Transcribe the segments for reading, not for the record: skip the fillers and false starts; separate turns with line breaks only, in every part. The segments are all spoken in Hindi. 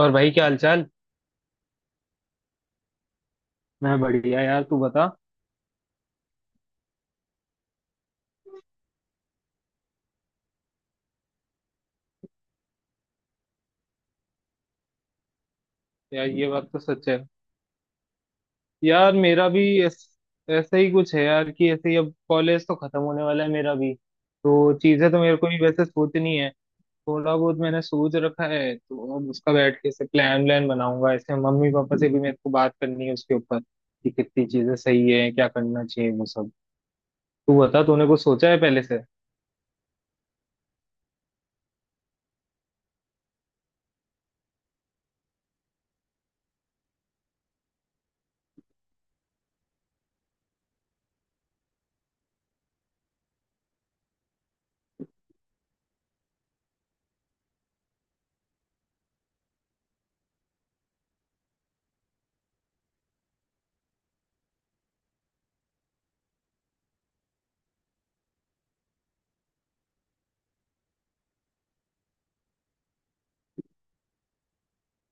और भाई क्या हालचाल। मैं बढ़िया यार, तू बता। यार ये बात तो सच है। यार मेरा भी ऐसा ही कुछ है यार, कि ऐसे ही अब कॉलेज तो खत्म होने वाला है मेरा भी, तो चीजें तो मेरे को भी वैसे सोचनी है। थोड़ा बहुत मैंने सोच रखा है, तो अब उसका बैठ के ऐसे प्लान व्लान बनाऊंगा, ऐसे मम्मी पापा से भी मेरे को बात करनी है उसके ऊपर कि कितनी चीजें सही है, क्या करना चाहिए, वो सब। तू बता, तूने कुछ सोचा है पहले से।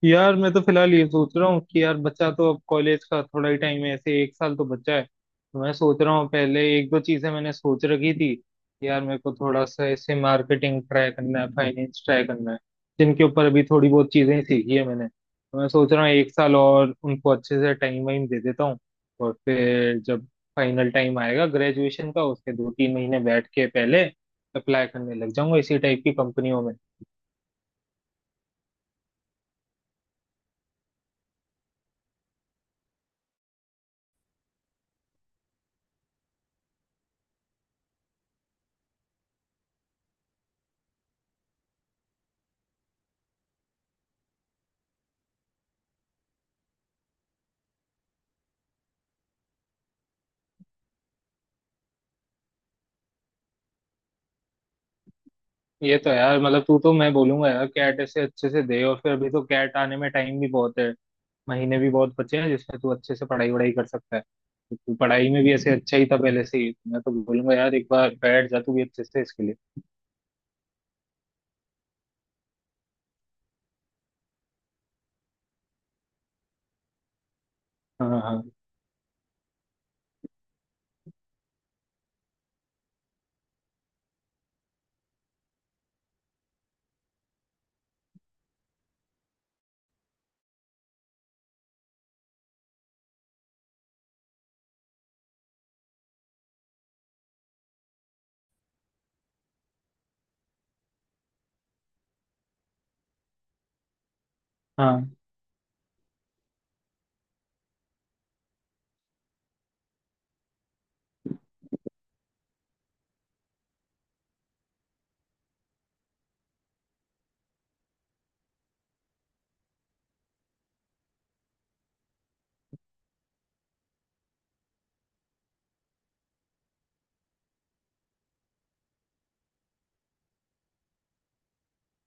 यार मैं तो फिलहाल ये सोच रहा हूँ कि यार बच्चा तो अब कॉलेज का थोड़ा ही टाइम है, ऐसे एक साल तो बच्चा है, तो मैं सोच रहा हूँ, पहले एक दो चीजें मैंने सोच रखी थी कि यार मेरे को थोड़ा सा ऐसे मार्केटिंग ट्राई करना है, फाइनेंस ट्राई करना है। जिनके ऊपर अभी थोड़ी बहुत चीजें सीखी है मैंने, तो मैं सोच रहा हूँ एक साल और उनको अच्छे से टाइम वाइम दे देता हूँ। और फिर जब फाइनल टाइम आएगा ग्रेजुएशन का, उसके दो तीन महीने बैठ के पहले अप्लाई करने लग जाऊंगा इसी टाइप की कंपनियों में। ये तो यार, मतलब तू तो, मैं बोलूंगा यार, कैट ऐसे अच्छे से दे, और फिर अभी तो कैट आने में टाइम भी बहुत है, महीने भी बहुत बचे हैं जिसमें तू अच्छे से पढ़ाई वढ़ाई कर सकता है। तो तू पढ़ाई में भी ऐसे अच्छा ही था पहले से ही, मैं तो बोलूंगा यार एक बार बैठ जा तू भी अच्छे से इसके लिए। हाँ हाँ। हाँ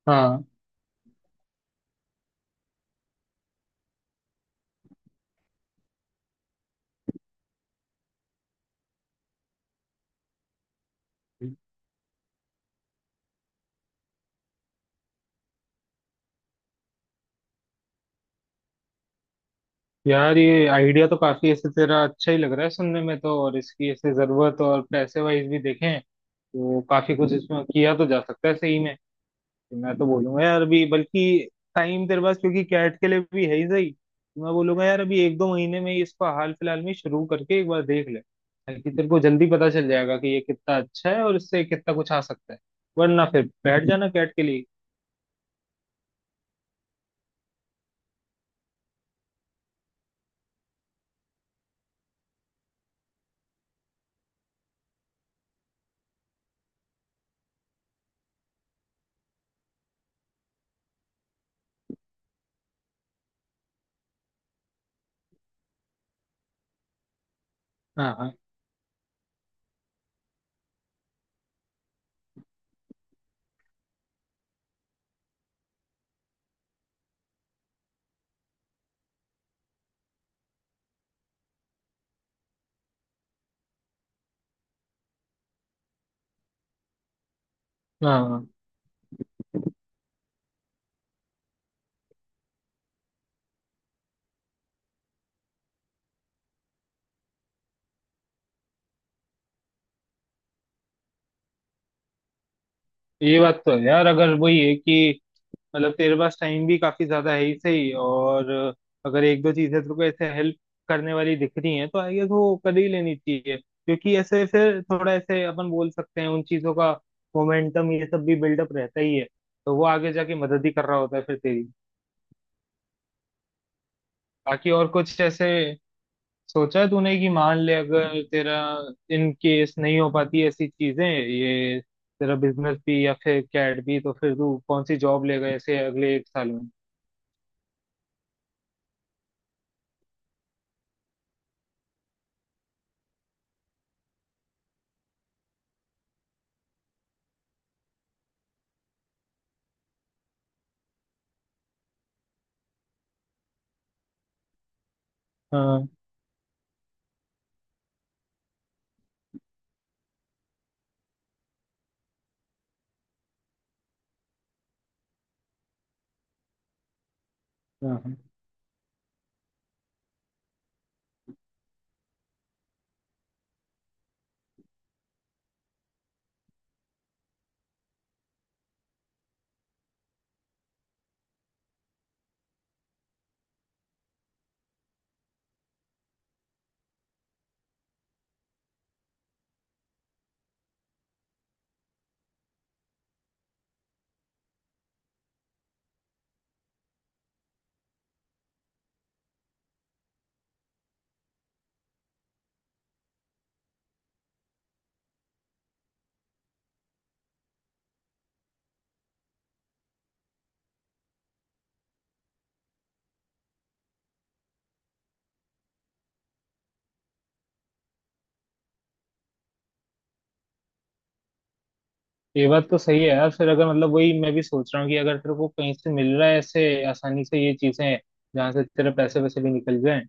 हाँ। यार ये आइडिया तो काफी ऐसे तेरा अच्छा ही लग रहा है सुनने में तो, और इसकी ऐसे जरूरत और पैसे वाइज भी देखें तो काफी कुछ इसमें किया तो जा सकता है सही में। मैं तो बोलूंगा यार अभी बल्कि, टाइम तेरे पास क्योंकि कैट के लिए भी है ही सही, तो मैं बोलूंगा यार अभी एक दो महीने में ही इसको हाल फिलहाल में शुरू करके एक बार देख ले, ताकि तेरे को जल्दी पता चल जाएगा कि ये कितना अच्छा है और इससे कितना कुछ आ सकता है। वरना फिर बैठ जाना कैट के लिए। हाँ हाँ। हाँ हाँ। ये बात तो है यार, अगर वही है कि मतलब तेरे पास टाइम भी काफी ज्यादा है ही सही, और अगर एक दो चीजें तेरे को ऐसे हेल्प करने वाली दिख रही हैं, तो आई गेस वो कर ही लेनी चाहिए, क्योंकि ऐसे फिर थोड़ा, ऐसे अपन बोल सकते हैं, उन चीजों का मोमेंटम ये सब भी बिल्डअप रहता ही है, तो वो आगे जाके मदद ही कर रहा होता है फिर तेरी। बाकी और कुछ ऐसे सोचा है तूने कि मान ले अगर तेरा इन केस नहीं हो पाती ऐसी चीजें, ये तेरा बिजनेस भी या फिर कैट भी, तो फिर तू कौन सी जॉब लेगा ऐसे अगले एक साल में। हाँ हाँ, ये बात तो सही है यार। फिर अगर मतलब वही मैं भी सोच रहा हूँ कि अगर तेरे को कहीं से मिल रहा है ऐसे आसानी से ये चीजें, जहाँ से तेरे पैसे वैसे भी निकल जाएं,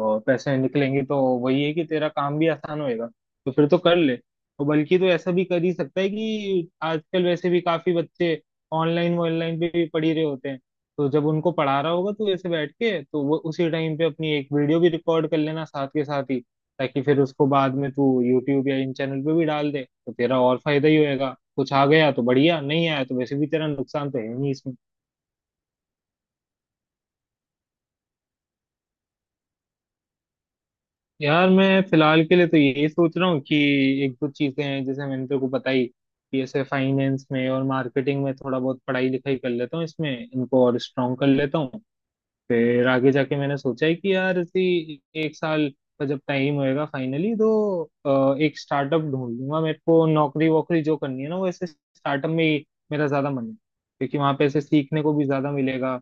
और पैसे निकलेंगे तो वही है कि तेरा काम भी आसान होएगा, तो फिर तो कर ले। और बल्कि तो ऐसा भी कर ही सकता है कि आजकल वैसे भी काफी बच्चे ऑनलाइन ऑनलाइन पे भी पढ़ी रहे होते हैं, तो जब उनको पढ़ा रहा होगा तो ऐसे बैठ के तो वो उसी टाइम पे अपनी एक वीडियो भी रिकॉर्ड कर लेना साथ के साथ ही, ताकि फिर उसको बाद में तू यूट्यूब या इन चैनल पे भी डाल दे, तो तेरा और फायदा ही होएगा। कुछ आ गया तो बढ़िया, नहीं आया तो वैसे भी तेरा नुकसान तो है नहीं इसमें। यार मैं फिलहाल के लिए तो यही सोच रहा हूँ कि एक दो चीजें हैं जैसे मैंने तेरे को बताई, कि ऐसे फाइनेंस में और मार्केटिंग में थोड़ा बहुत पढ़ाई लिखाई कर लेता हूँ, इसमें इनको और स्ट्रॉन्ग कर लेता हूँ। फिर आगे जाके मैंने सोचा है कि यार इसी एक साल का जब टाइम होएगा फाइनली, तो एक स्टार्टअप ढूंढ लूंगा। मेरे को नौकरी वोकरी जो करनी है ना, वो ऐसे स्टार्टअप में ही मेरा ज्यादा मन है, क्योंकि वहां पे ऐसे सीखने को भी ज्यादा मिलेगा।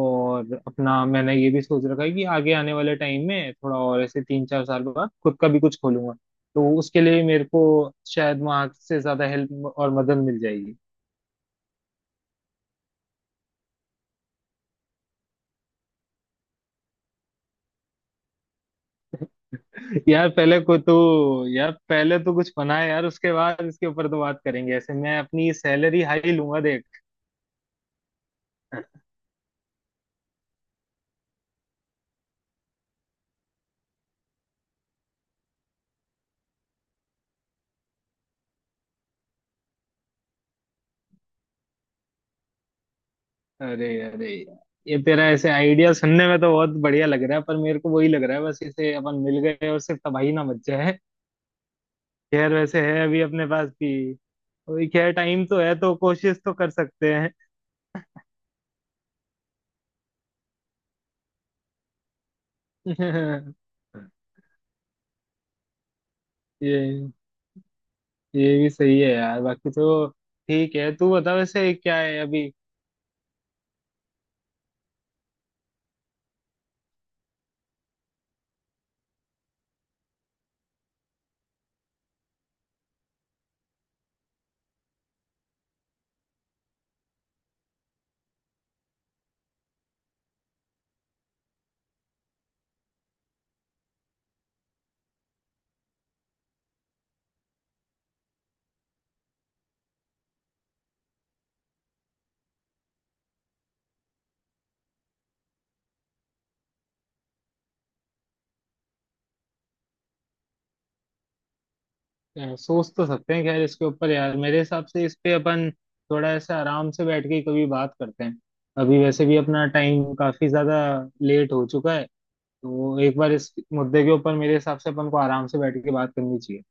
और अपना मैंने ये भी सोच रखा है कि आगे आने वाले टाइम में थोड़ा और ऐसे तीन चार साल बाद खुद का भी कुछ खोलूंगा, तो उसके लिए मेरे को शायद वहां से ज्यादा हेल्प और मदद मिल जाएगी। यार पहले को तो यार पहले तो कुछ बना है यार, उसके बाद इसके ऊपर तो बात करेंगे, ऐसे मैं अपनी सैलरी हाई लूंगा देख। अरे अरे यार, ये तेरा ऐसे आइडिया सुनने में तो बहुत बढ़िया लग रहा है, पर मेरे को वही लग रहा है बस इसे अपन मिल गए और सिर्फ तबाही ना मच जाए। खैर वैसे है अभी अपने पास भी, वही खैर टाइम तो है, तो कोशिश तो कर सकते हैं। ये ये भी सही है यार बाकी तो। ठीक है, तू बता वैसे क्या है अभी। यार, सोच तो सकते हैं खैर इसके ऊपर, यार मेरे हिसाब से इस पे अपन थोड़ा ऐसे आराम से बैठ के कभी बात करते हैं। अभी वैसे भी अपना टाइम काफी ज्यादा लेट हो चुका है, तो एक बार इस मुद्दे के ऊपर मेरे हिसाब से अपन को आराम से बैठ के बात करनी चाहिए।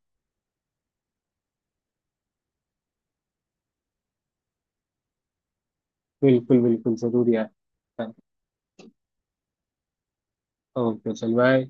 बिल्कुल बिल्कुल जरूर यार। ओके, चल बाय।